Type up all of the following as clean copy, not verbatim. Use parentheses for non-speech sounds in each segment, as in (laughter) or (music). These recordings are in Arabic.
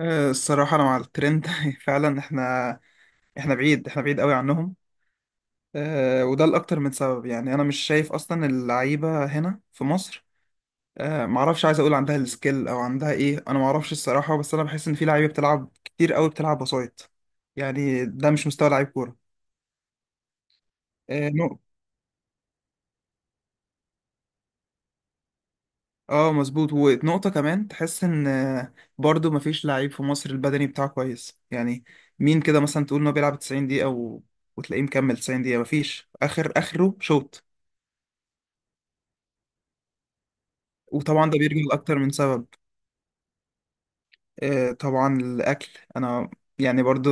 الصراحة أنا مع الترند (laughs) فعلا إحنا بعيد قوي عنهم. وده لأكتر من سبب. يعني أنا مش شايف أصلا اللعيبة هنا في مصر. معرفش، عايز أقول عندها السكيل أو عندها إيه، أنا معرفش الصراحة، بس أنا بحس إن في لعيبة بتلعب كتير قوي، بتلعب وسايط. يعني ده مش مستوى لعيب كورة. آه، نق- آه، مظبوط. ونقطة كمان تحس إن، برضو مفيش لعيب في مصر البدني بتاعه كويس يعني. مين كده مثلا تقول إن هو بيلعب 90 دقيقة وتلاقيه مكمل 90 دقيقة؟ مفيش، آخره شوط. وطبعا ده بيرجع لأكتر من سبب. طبعا الأكل. أنا يعني، برضو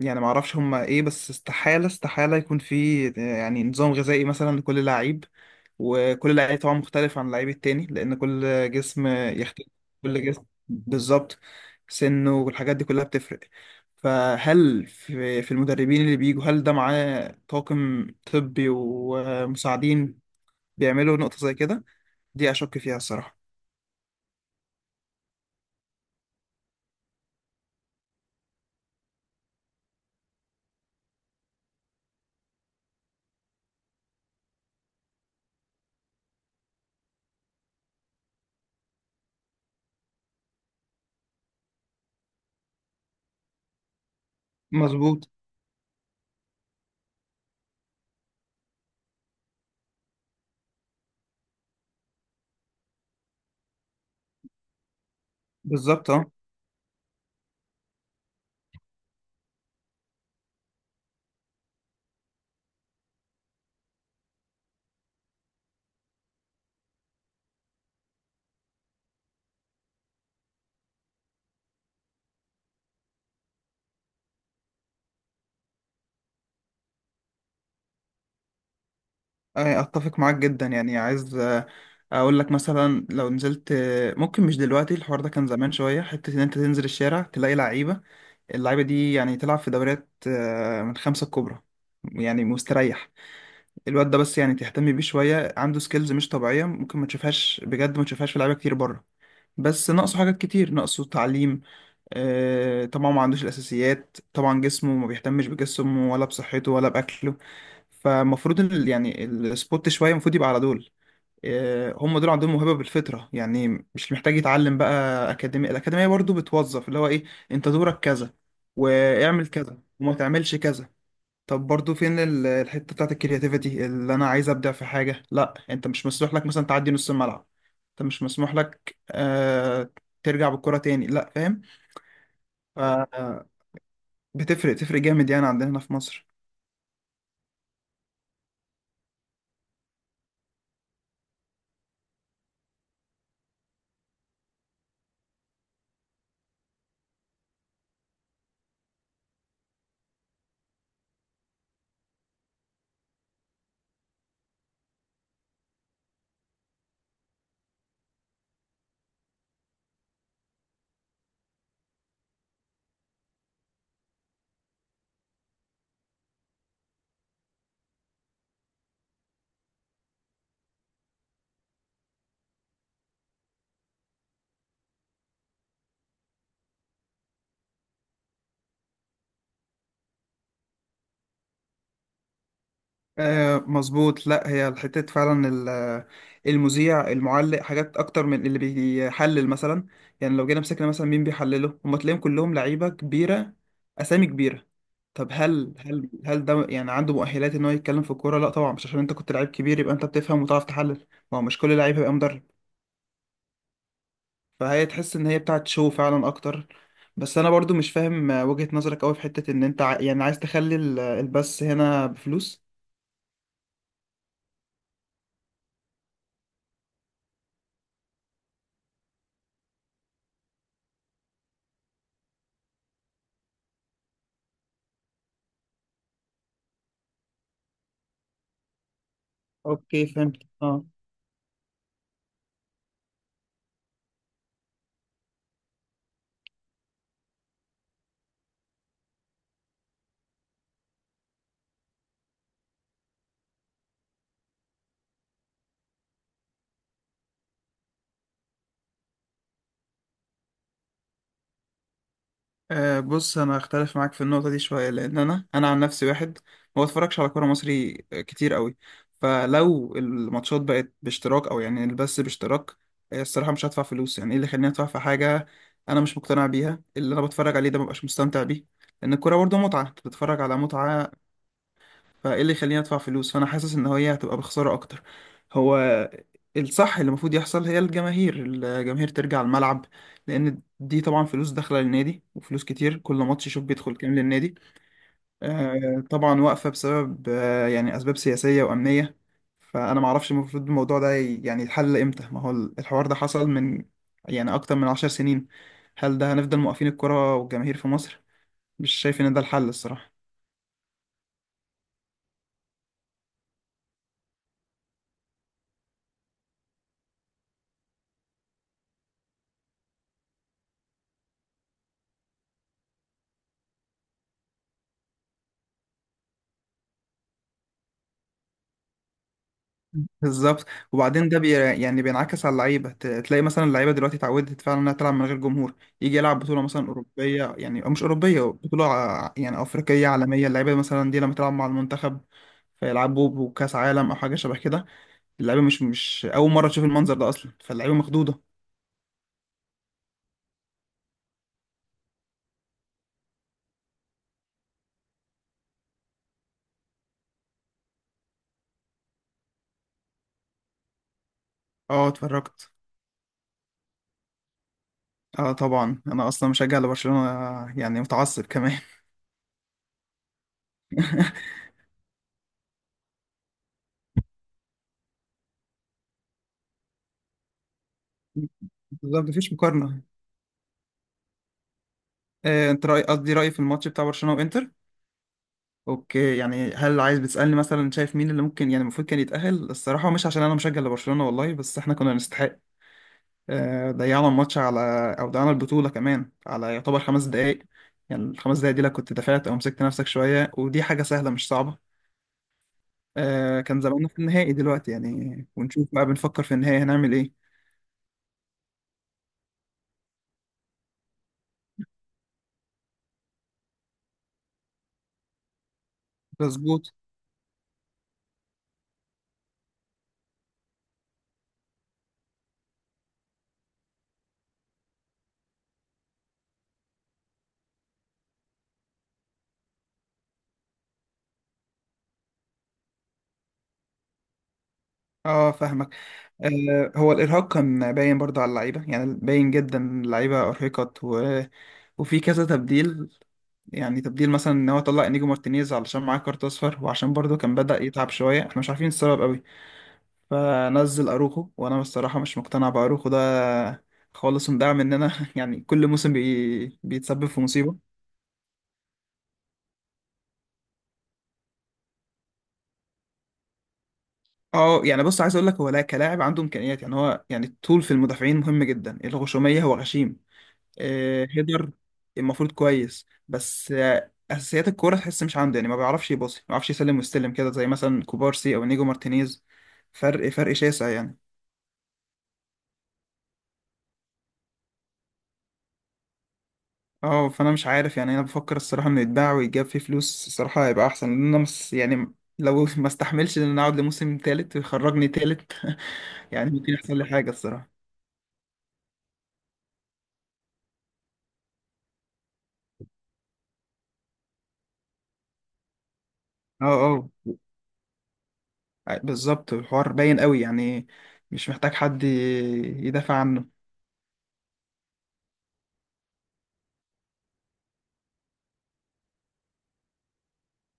يعني ما اعرفش هما ايه، بس استحالة استحالة يكون في، يعني نظام غذائي مثلا لكل لعيب. وكل لعيب طبعا مختلف عن اللعيب التاني، لأن كل جسم يختلف. كل جسم بالظبط، سنه والحاجات دي كلها بتفرق. فهل في المدربين اللي بيجوا، هل ده معاه طاقم طبي ومساعدين بيعملوا نقطة زي كده؟ دي أشك فيها الصراحة. مظبوط بالظبط. اه، اتفق معاك جدا. يعني عايز، اقول لك مثلا لو نزلت، ممكن مش دلوقتي، الحوار ده كان زمان شويه، حته ان انت تنزل الشارع تلاقي لعيبه. اللعيبه دي يعني تلعب في دوريات، من خمسه الكبرى يعني، مستريح. الواد ده بس يعني تهتم بيه شويه، عنده سكيلز مش طبيعيه ممكن ما تشوفهاش بجد، ما تشوفهاش في لعيبه كتير بره. بس ناقصه حاجات كتير، ناقصه تعليم. طبعا ما عندوش الأساسيات، طبعا جسمه ما بيهتمش بجسمه ولا بصحته ولا بأكله. فالمفروض يعني السبوت شوية المفروض يبقى على دول. هم دول عندهم موهبة بالفطرة يعني، مش محتاج يتعلم بقى. الأكاديمية برضو بتوظف اللي هو إيه، أنت دورك كذا واعمل كذا وما تعملش كذا. طب برضو فين الحتة بتاعت الكرياتيفيتي؟ اللي أنا عايز أبدع في حاجة، لا، أنت مش مسموح لك مثلا تعدي نص الملعب، أنت مش مسموح لك، ترجع بالكرة تاني، لا. فاهم. بتفرق، تفرق جامد يعني، عندنا هنا في مصر. آه، مظبوط. لا، هي الحتة فعلا المذيع المعلق حاجات اكتر من اللي بيحلل مثلا. يعني لو جينا مسكنا مثلا مين بيحلله، هم تلاقيهم كلهم لعيبة كبيرة، اسامي كبيرة. طب هل ده يعني عنده مؤهلات ان هو يتكلم في الكورة؟ لا طبعا، مش عشان انت كنت لعيب كبير يبقى انت بتفهم وتعرف تحلل، ما هو مش كل لعيب هيبقى مدرب. فهي تحس ان هي بتاعت شو فعلا اكتر. بس انا برضو مش فاهم، وجهة نظرك قوي في حتة ان انت يعني عايز تخلي البث هنا بفلوس. اوكي فهمت. اه، بص انا اختلف معاك في النقطه دي شويه، لان انا عن نفسي واحد ما بتفرجش على كوره مصري كتير قوي. فلو الماتشات بقت باشتراك او يعني البث باشتراك، الصراحه مش هدفع فلوس. يعني ايه اللي يخليني ادفع في حاجه انا مش مقتنع بيها؟ اللي انا بتفرج عليه ده مبقاش مستمتع بيه، لان الكوره برضه متعه، انت بتتفرج على متعه. فايه اللي يخليني ادفع فلوس؟ فانا حاسس ان هي هتبقى بخسارة اكتر. هو الصح اللي المفروض يحصل، هي الجماهير ترجع الملعب. لان دي طبعا فلوس داخله للنادي، وفلوس كتير كل ماتش شوف بيدخل كام للنادي. طبعا واقفه بسبب، يعني اسباب سياسيه وامنيه. فانا ما اعرفش المفروض الموضوع ده يعني يتحل امتى. ما هو الحوار ده حصل من، يعني اكتر من 10 سنين. هل ده هنفضل موقفين الكرة والجماهير في مصر؟ مش شايف ان ده الحل الصراحه. بالظبط. وبعدين ده يعني بينعكس على اللعيبه، تلاقي مثلا اللعيبه دلوقتي اتعودت فعلا انها تلعب من غير جمهور. يجي يلعب بطوله مثلا اوروبيه يعني، او مش اوروبيه، بطوله يعني افريقيه عالميه، اللعيبه مثلا دي لما تلعب مع المنتخب، فيلعبوا بكاس عالم او حاجه شبه كده، اللعيبه مش اول مره تشوف المنظر ده اصلا، فاللعيبه مخضوضه. اه، اتفرجت. اه طبعا، انا اصلا مشجع لبرشلونه يعني، متعصب كمان. (laughs) بالظبط، مفيش مقارنه. انت رايي في الماتش بتاع برشلونه وانتر. اوكي، يعني هل عايز بتسألني مثلا شايف مين اللي ممكن يعني المفروض كان يتأهل؟ الصراحة مش عشان انا مشجع لبرشلونة والله، بس احنا كنا نستحق. ضيعنا الماتش على، او ضيعنا البطولة كمان على يعتبر 5 دقايق. يعني الـ5 دقايق دي لو كنت دفعت او مسكت نفسك شوية، ودي حاجة سهلة مش صعبة، كان زماننا في النهائي دلوقتي يعني، ونشوف بقى، بنفكر في النهائي هنعمل ايه. مظبوط. اه فاهمك. هو الارهاق كان باين برضه على اللعيبه، يعني باين جدا، اللعيبه ارهقت وفي كذا تبديل. يعني تبديل مثلا ان هو طلع انيجو مارتينيز علشان معاه كارت اصفر، وعشان برضه كان بدأ يتعب شويه، احنا مش عارفين السبب قوي. فنزل اروخو، وانا بصراحه مش مقتنع باروخو ده خالص، ومدعم مننا (laughs) يعني. كل موسم بيتسبب في مصيبه. اه يعني بص، عايز اقول لك هو لا كلاعب عنده امكانيات، يعني هو يعني الطول في المدافعين مهم جدا، الغشوميه هو غشيم. هيدر المفروض كويس، بس اساسيات الكوره تحس مش عنده، يعني ما بيعرفش يباصي، ما بيعرفش يسلم ويستلم كده، زي مثلا كوبارسي او نيجو مارتينيز. فرق، فرق شاسع يعني. اه فانا مش عارف يعني، انا بفكر الصراحه انه يتباع ويتجاب فيه فلوس، الصراحه هيبقى احسن، لان انا مس يعني، لو (laughs) ما استحملش ان انا اقعد لموسم تالت ويخرجني تالت. (laughs) يعني ممكن يحصل لي حاجه الصراحه. اه، اه، بالظبط، الحوار باين قوي يعني، مش محتاج حد يدافع عنه.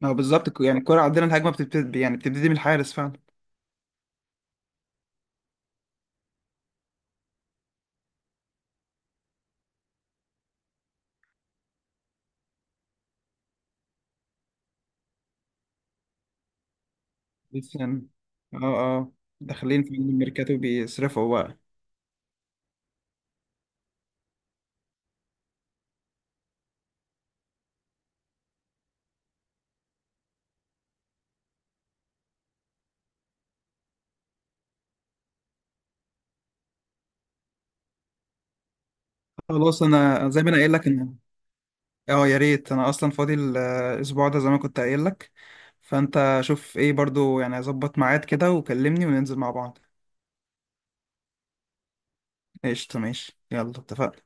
ما هو بالظبط يعني الكورة عندنا الهجمة بتبتدي من الحارس فعلا. بس يعني، اه اه، داخلين في الميركاتو بيصرفوا بقى. خلاص انا زي ما انا قايل لك ان، اه يا ريت، انا اصلا فاضي الاسبوع ده زي ما كنت قايل لك، فانت شوف ايه برضو يعني، اظبط ميعاد كده وكلمني وننزل مع بعض. قشطة، ماشي، يلا اتفقنا.